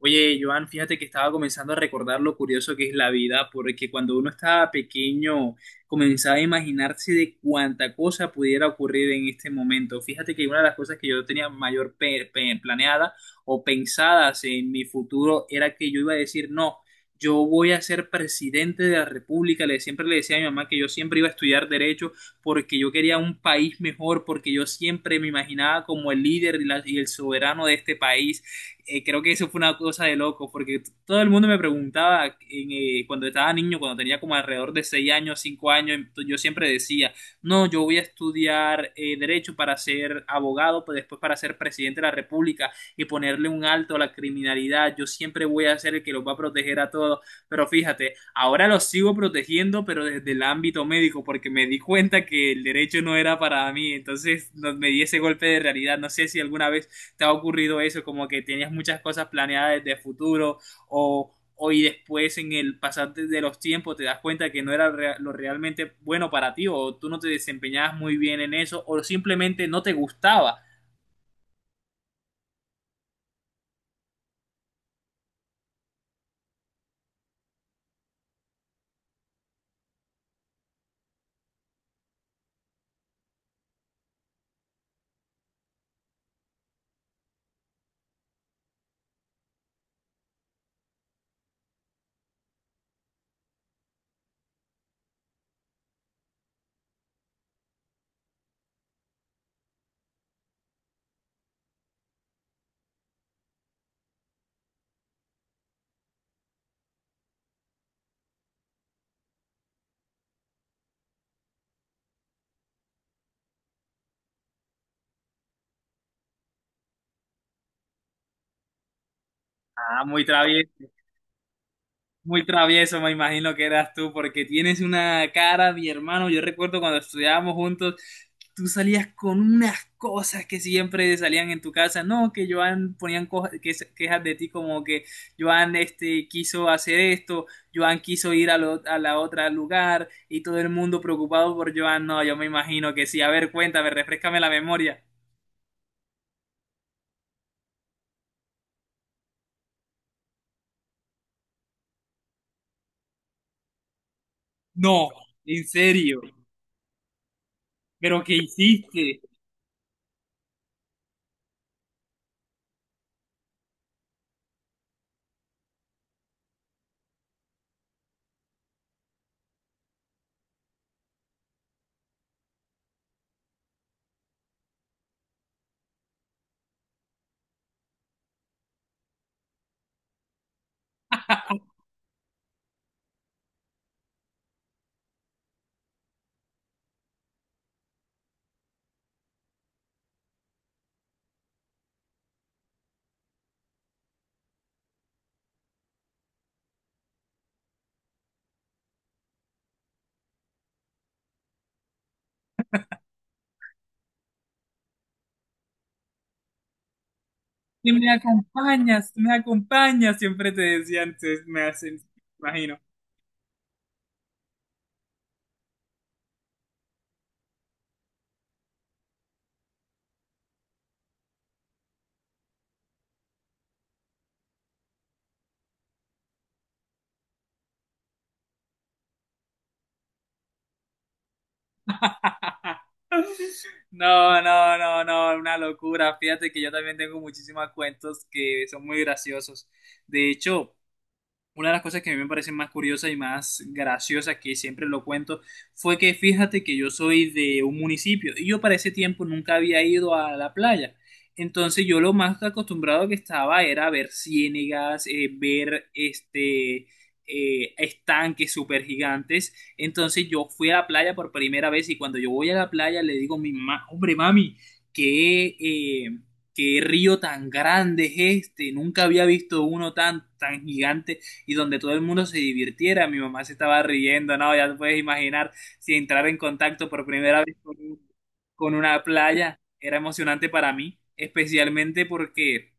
Oye, Joan, fíjate que estaba comenzando a recordar lo curioso que es la vida, porque cuando uno estaba pequeño comenzaba a imaginarse de cuánta cosa pudiera ocurrir en este momento. Fíjate que una de las cosas que yo tenía mayor planeada o pensadas en mi futuro era que yo iba a decir, no, yo voy a ser presidente de la República. Le, siempre le decía a mi mamá que yo siempre iba a estudiar derecho porque yo quería un país mejor, porque yo siempre me imaginaba como el líder y el soberano de este país. Creo que eso fue una cosa de loco, porque todo el mundo me preguntaba cuando estaba niño, cuando tenía como alrededor de 6 años, 5 años, yo siempre decía, no, yo voy a estudiar derecho para ser abogado, pues después para ser presidente de la República y ponerle un alto a la criminalidad, yo siempre voy a ser el que los va a proteger a todos, pero fíjate, ahora los sigo protegiendo, pero desde el ámbito médico, porque me di cuenta que el derecho no era para mí, entonces me di ese golpe de realidad, no sé si alguna vez te ha ocurrido eso, como que tenías muchas cosas planeadas desde futuro o hoy después en el pasar de los tiempos te das cuenta que no era lo realmente bueno para ti o tú no te desempeñabas muy bien en eso o simplemente no te gustaba. Ah, muy travieso. Muy travieso, me imagino que eras tú, porque tienes una cara, mi hermano. Yo recuerdo cuando estudiábamos juntos, tú salías con unas cosas que siempre salían en tu casa. No, que Joan ponían quejas de ti como que Joan este, quiso hacer esto, Joan quiso ir a, a la otra lugar y todo el mundo preocupado por Joan. No, yo me imagino que sí. A ver, cuéntame, refrescame la memoria. No, en serio. ¿Pero qué hiciste? Y me acompañas, si me acompañas, siempre te decían, me hacen, me imagino. No, no, no, no, una locura. Fíjate que yo también tengo muchísimos cuentos que son muy graciosos. De hecho, una de las cosas que a mí me parecen más curiosas y más graciosas, que siempre lo cuento, fue que fíjate que yo soy de un municipio y yo para ese tiempo nunca había ido a la playa. Entonces yo lo más acostumbrado que estaba era ver ciénagas, ver estanques súper gigantes. Entonces yo fui a la playa por primera vez y cuando yo voy a la playa le digo a mi mamá, hombre, mami, qué, eh, qué río tan grande es este, nunca había visto uno tan, tan gigante y donde todo el mundo se divirtiera. Mi mamá se estaba riendo, no, ya te puedes imaginar, si entrar en contacto por primera vez con una playa era emocionante para mí, especialmente porque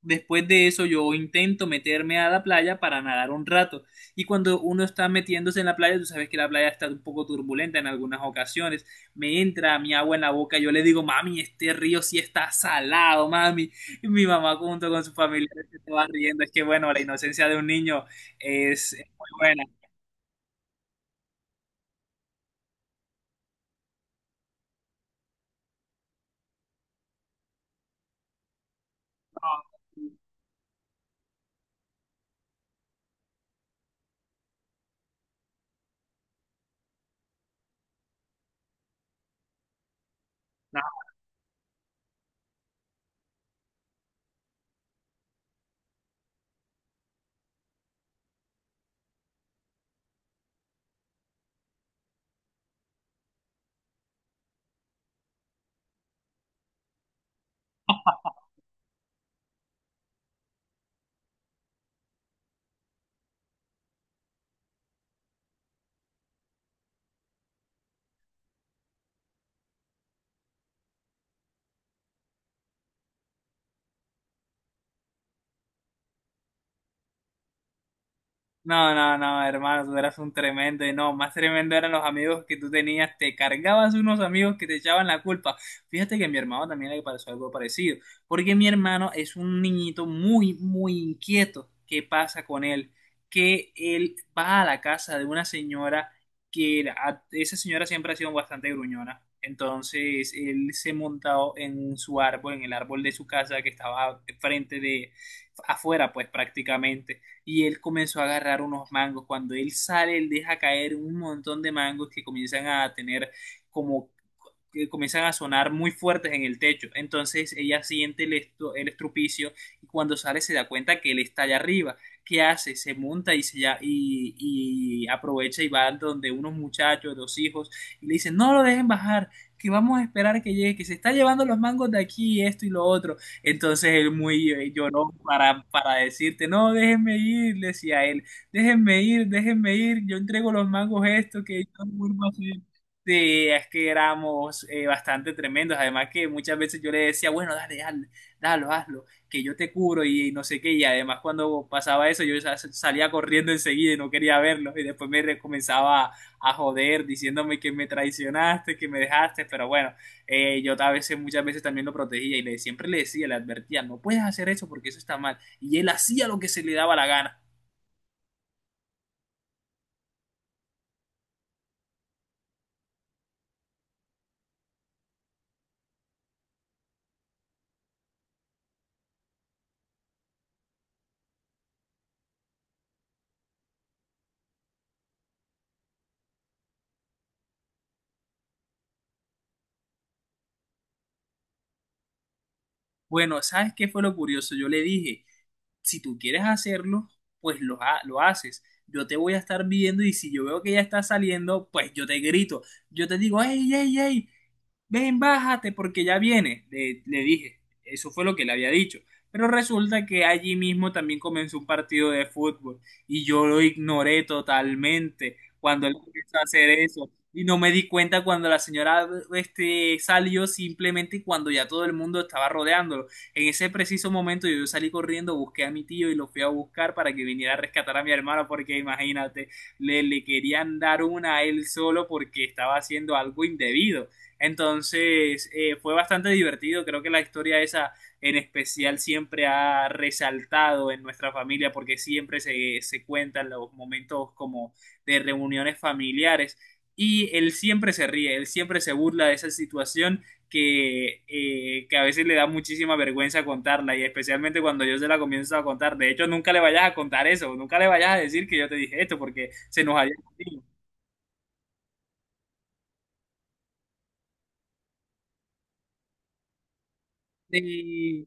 después de eso yo intento meterme a la playa para nadar un rato. Y cuando uno está metiéndose en la playa, tú sabes que la playa está un poco turbulenta en algunas ocasiones. Me entra mi agua en la boca, yo le digo, mami, este río sí está salado, mami. Y mi mamá junto con sus familiares se estaba riendo. Es que bueno, la inocencia de un niño es muy buena. No, no. No, no, no, hermano, tú eras un tremendo y no, más tremendo eran los amigos que tú tenías, te cargabas unos amigos que te echaban la culpa. Fíjate que a mi hermano también le pasó algo parecido, porque mi hermano es un niñito muy, muy inquieto. ¿Qué pasa con él? Que él va a la casa de una señora esa señora siempre ha sido bastante gruñona. Entonces él se montó en su árbol, en el árbol de su casa que estaba frente de afuera, pues prácticamente, y él comenzó a agarrar unos mangos. Cuando él sale, él deja caer un montón de mangos que comienzan a tener como que comienzan a sonar muy fuertes en el techo. Entonces ella siente el, el estrupicio y cuando sale se da cuenta que él está allá arriba. ¿Qué hace? Se monta y, y aprovecha y va donde unos muchachos, dos hijos, y le dicen, no lo dejen bajar, que vamos a esperar que llegue, que se está llevando los mangos de aquí, esto y lo otro. Entonces él muy lloró para decirte, no, déjenme ir, decía él, déjenme ir, yo entrego los mangos esto que yo no vuelvo a hacer. Sí, es que éramos bastante tremendos, además que muchas veces yo le decía, bueno, dale, dale, dalo, hazlo, que yo te cubro y no sé qué, y además cuando pasaba eso yo salía corriendo enseguida y no quería verlo, y después comenzaba a joder diciéndome que me traicionaste, que me dejaste, pero bueno, yo a veces, muchas veces también lo protegía y le, siempre le decía, le advertía, no puedes hacer eso porque eso está mal. Y él hacía lo que se le daba la gana. Bueno, ¿sabes qué fue lo curioso? Yo le dije, si tú quieres hacerlo, pues lo haces. Yo te voy a estar viendo y si yo veo que ya está saliendo, pues yo te grito. Yo te digo, hey, hey, hey, ven, bájate porque ya viene, le dije, eso fue lo que le había dicho. Pero resulta que allí mismo también comenzó un partido de fútbol y yo lo ignoré totalmente cuando él comenzó a hacer eso. Y no me di cuenta cuando la señora este, salió simplemente cuando ya todo el mundo estaba rodeándolo. En ese preciso momento yo salí corriendo, busqué a mi tío y lo fui a buscar para que viniera a rescatar a mi hermano porque imagínate, le querían dar una a él solo porque estaba haciendo algo indebido. Entonces fue bastante divertido, creo que la historia esa en especial siempre ha resaltado en nuestra familia porque siempre se cuentan los momentos como de reuniones familiares y él siempre se ríe, él siempre se burla de esa situación que a veces le da muchísima vergüenza contarla y especialmente cuando yo se la comienzo a contar. De hecho, nunca le vayas a contar eso, nunca le vayas a decir que yo te dije esto porque se nos haya... Sí,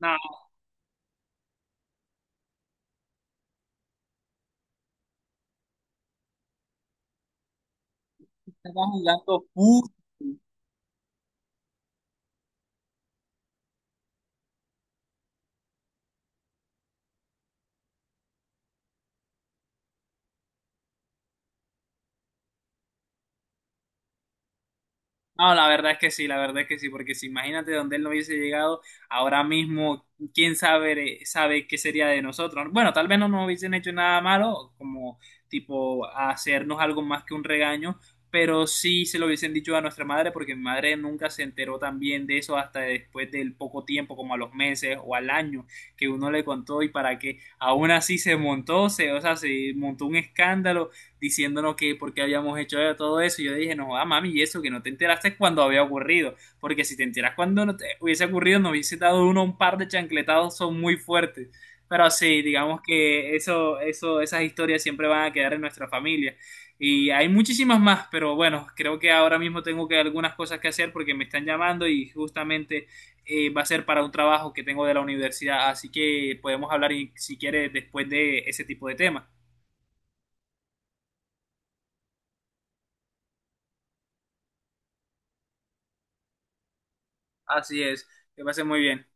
no, estaba jugando fútbol. No, la verdad es que sí, la verdad es que sí, porque si imagínate donde él no hubiese llegado, ahora mismo, quién sabe, sabe qué sería de nosotros. Bueno, tal vez no nos hubiesen hecho nada malo, como tipo hacernos algo más que un regaño, pero sí se lo hubiesen dicho a nuestra madre, porque mi madre nunca se enteró también de eso hasta después del poco tiempo, como a los meses o al año que uno le contó y para que aún así se montó, o sea, se montó un escándalo diciéndonos que por qué habíamos hecho todo eso. Yo dije, no, ah, mami, y eso, que no te enteraste cuando había ocurrido. Porque si te enteras cuando no te hubiese ocurrido, nos hubiese dado uno un par de chancletados, son muy fuertes. Pero sí, digamos que eso, esas historias siempre van a quedar en nuestra familia. Y hay muchísimas más, pero bueno, creo que ahora mismo tengo que algunas cosas que hacer porque me están llamando y justamente va a ser para un trabajo que tengo de la universidad. Así que podemos hablar, si quieres, después de ese tipo de temas. Así es, que pase muy bien.